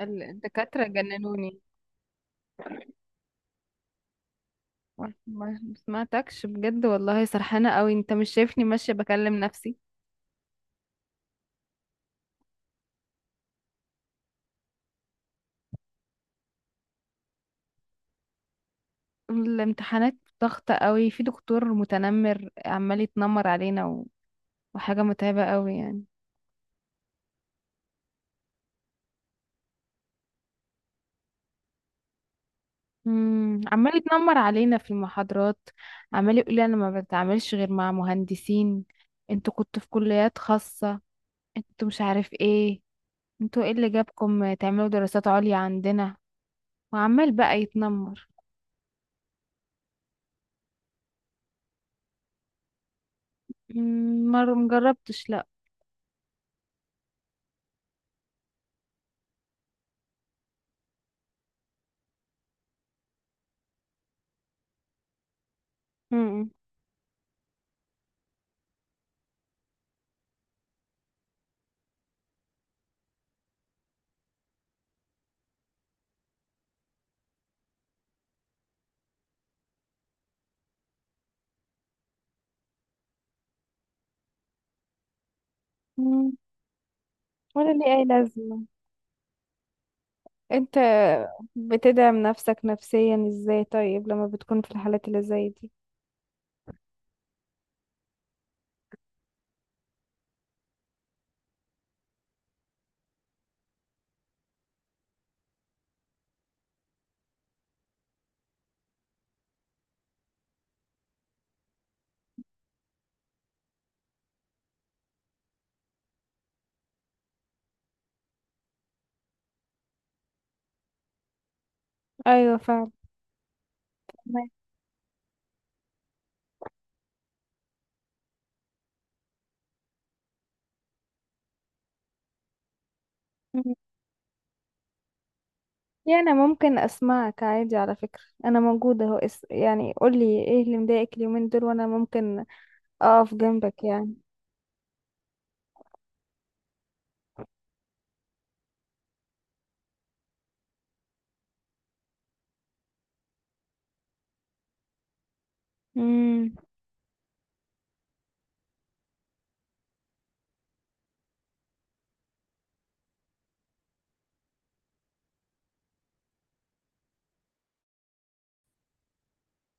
الدكاترة جننوني. ما سمعتكش، بجد والله، سرحانة قوي. انت مش شايفني ماشية بكلم نفسي؟ الامتحانات. ضغطة قوي، في دكتور متنمر عمال يتنمر علينا وحاجة متعبة قوي يعني. عمال يتنمر علينا في المحاضرات. عمال يقول لي انا ما بتعاملش غير مع مهندسين، انتوا كنتوا في كليات خاصة، انتوا مش عارف ايه، انتوا ايه اللي جابكم تعملوا دراسات عليا عندنا؟ وعمال بقى يتنمر. مرة مجربتش، لا. امم مم، ولا ليه أي لازمة؟ انت بتدعم نفسك نفسيا ازاي طيب لما بتكون في الحالات اللي زي دي؟ ايوه فعلا. تمام. مم. يعني ممكن اسمعك عادي، على فكرة انا موجودة اهو يعني قولي ايه اللي مضايقك اليومين دول وانا ممكن اقف جنبك يعني. امم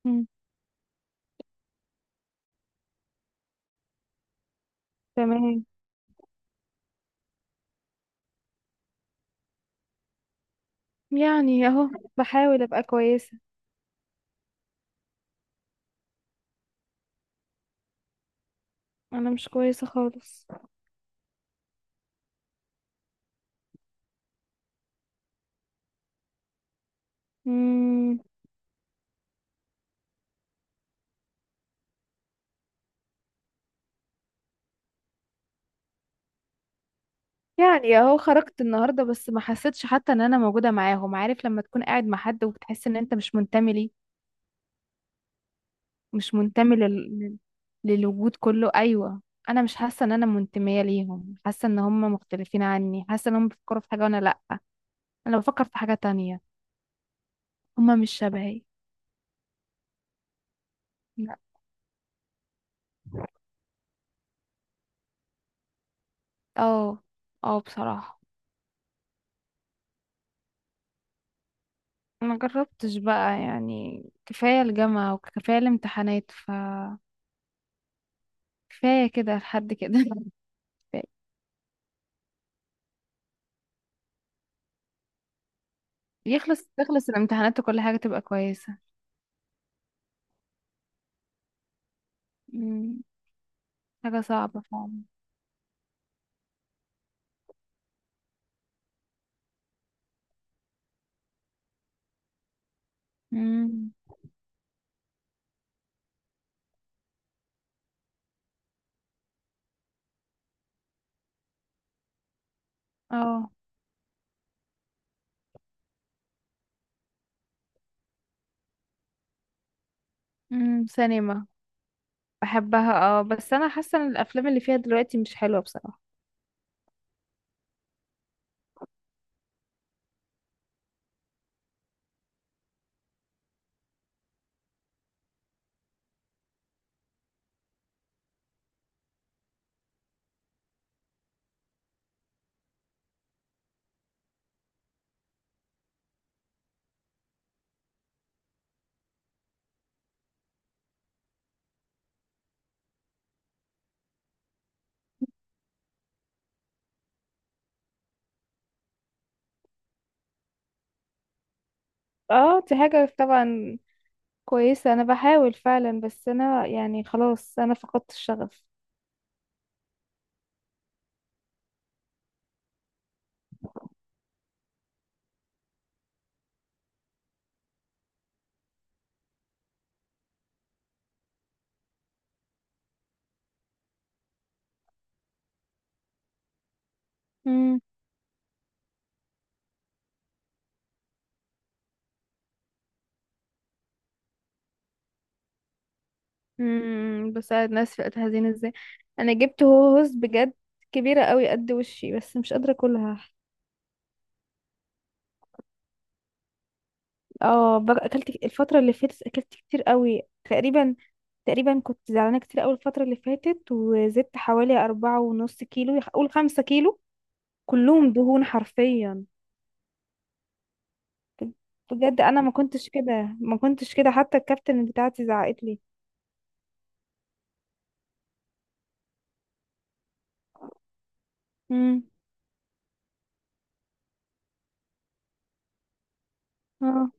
مم. تمام. يعني اهو بحاول ابقى كويسة. انا مش كويسة خالص. امم يعني اهو خرجت النهارده، بس ما حسيتش حتى ان انا موجوده معاهم. عارف لما تكون قاعد مع حد وبتحس ان انت مش منتمي ليه؟ مش منتمي لل... لل- للوجود كله، ايوه. انا مش حاسه ان انا منتميه ليهم، حاسه ان هم مختلفين عني، حاسه ان هم بيفكروا في حاجه وانا لا. انا بفكر في حاجه تانية. هم مش شبهي. لا. اه، اه بصراحه. ما جربتش بقى، يعني كفايه الجامعه وكفايه الامتحانات ف كفايه كده لحد كده كفاية. تخلص الامتحانات وكل حاجه تبقى كويسه. مم. حاجة صعبة فعلا. مم. اه. مم. سينما. بحبها، اه، بس انا حاسة ان الافلام اللي فيها دلوقتي مش حلوة بصراحة. اه، دي حاجة طبعا كويسة، انا بحاول فعلا، بس انا يعني خلاص انا فقدت الشغف. بساعد ناس في وقت حزين ازاي؟ انا جبت هوز بجد كبيره قوي قد وشي، بس مش قادره اكلها. اكلت الفتره اللي فاتت اكلت كتير قوي تقريبا. تقريبا كنت زعلانه كتير قوي الفتره اللي فاتت، وزدت حوالي 4.5 كيلو، قول 5 كيلو. كلهم دهون حرفيا. ب- بجد انا ما كنتش كده، ما كنتش كده، حتى الكابتن بتاعتي زعقت لي. امم اه.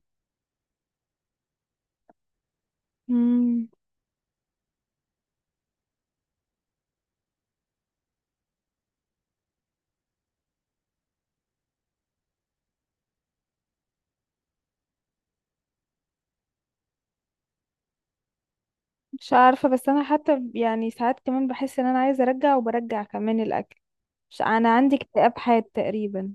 امم مش عارفة، بس أنا حتى يعني ساعات كمان بحس إن أنا عايزة أرجع، وبرجع كمان الأكل. مش أنا عندي اكتئاب حاد تقريبا.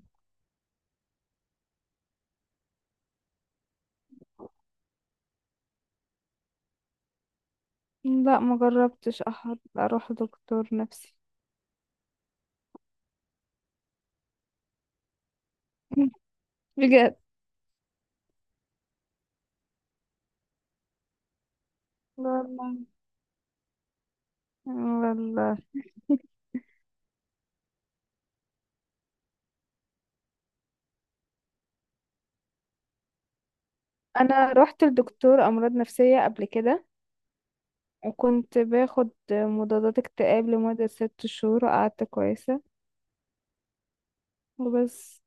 لا ما جربتش أحد أروح دكتور نفسي. بجد، والله والله. أنا رحت لدكتور أمراض نفسية قبل كده، وكنت باخد مضادات اكتئاب لمدة 6 شهور وقعدت كويسة. وبس.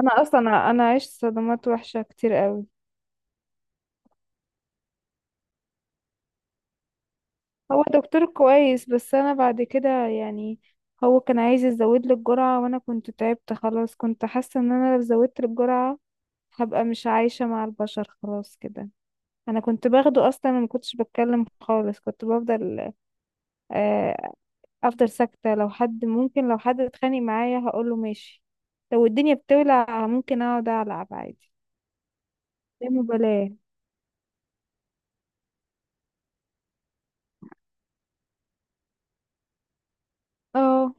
أنا أصلا، أنا عشت صدمات وحشة كتير قوي. هو دكتور كويس بس انا بعد كده يعني، هو كان عايز يزود لي الجرعة وانا كنت تعبت خلاص، كنت حاسة ان انا لو زودت الجرعة هبقى مش عايشة مع البشر خلاص كده. انا كنت باخده اصلا ما كنتش بتكلم خالص، كنت بفضل آه، افضل ساكتة. لو حد ممكن، لو حد اتخانق معايا هقوله ماشي، لو الدنيا بتولع ممكن اقعد العب عادي. لا مبالاة. اه،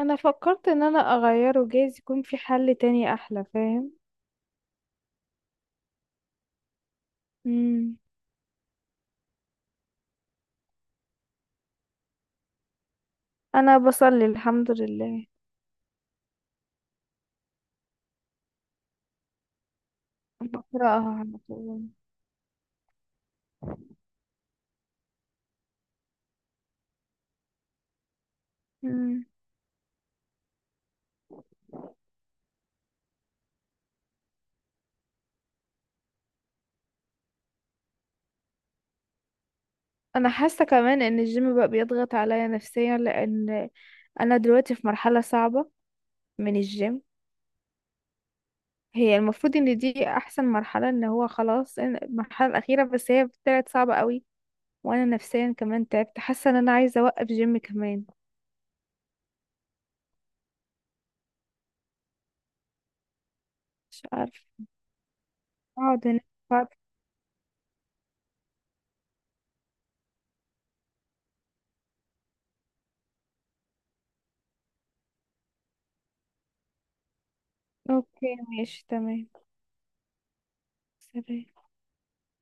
انا فكرت ان انا اغيره، جايز يكون في حل تاني احلى، فاهم؟ مم. انا بصلي الحمد لله، بقراها على طول. مم. انا حاسه كمان ان الجيم بقى بيضغط عليا نفسيا، لان انا دلوقتي في مرحله صعبه من الجيم. هي المفروض ان دي احسن مرحله، ان هو خلاص المرحله الاخيره، بس هي طلعت صعبه قوي، وانا نفسيا كمان تعبت، حاسه ان انا عايزه اوقف جيم كمان. مش عارفه. اقعد هنا. أقعد. اوكي، ماشي تمام. سلام.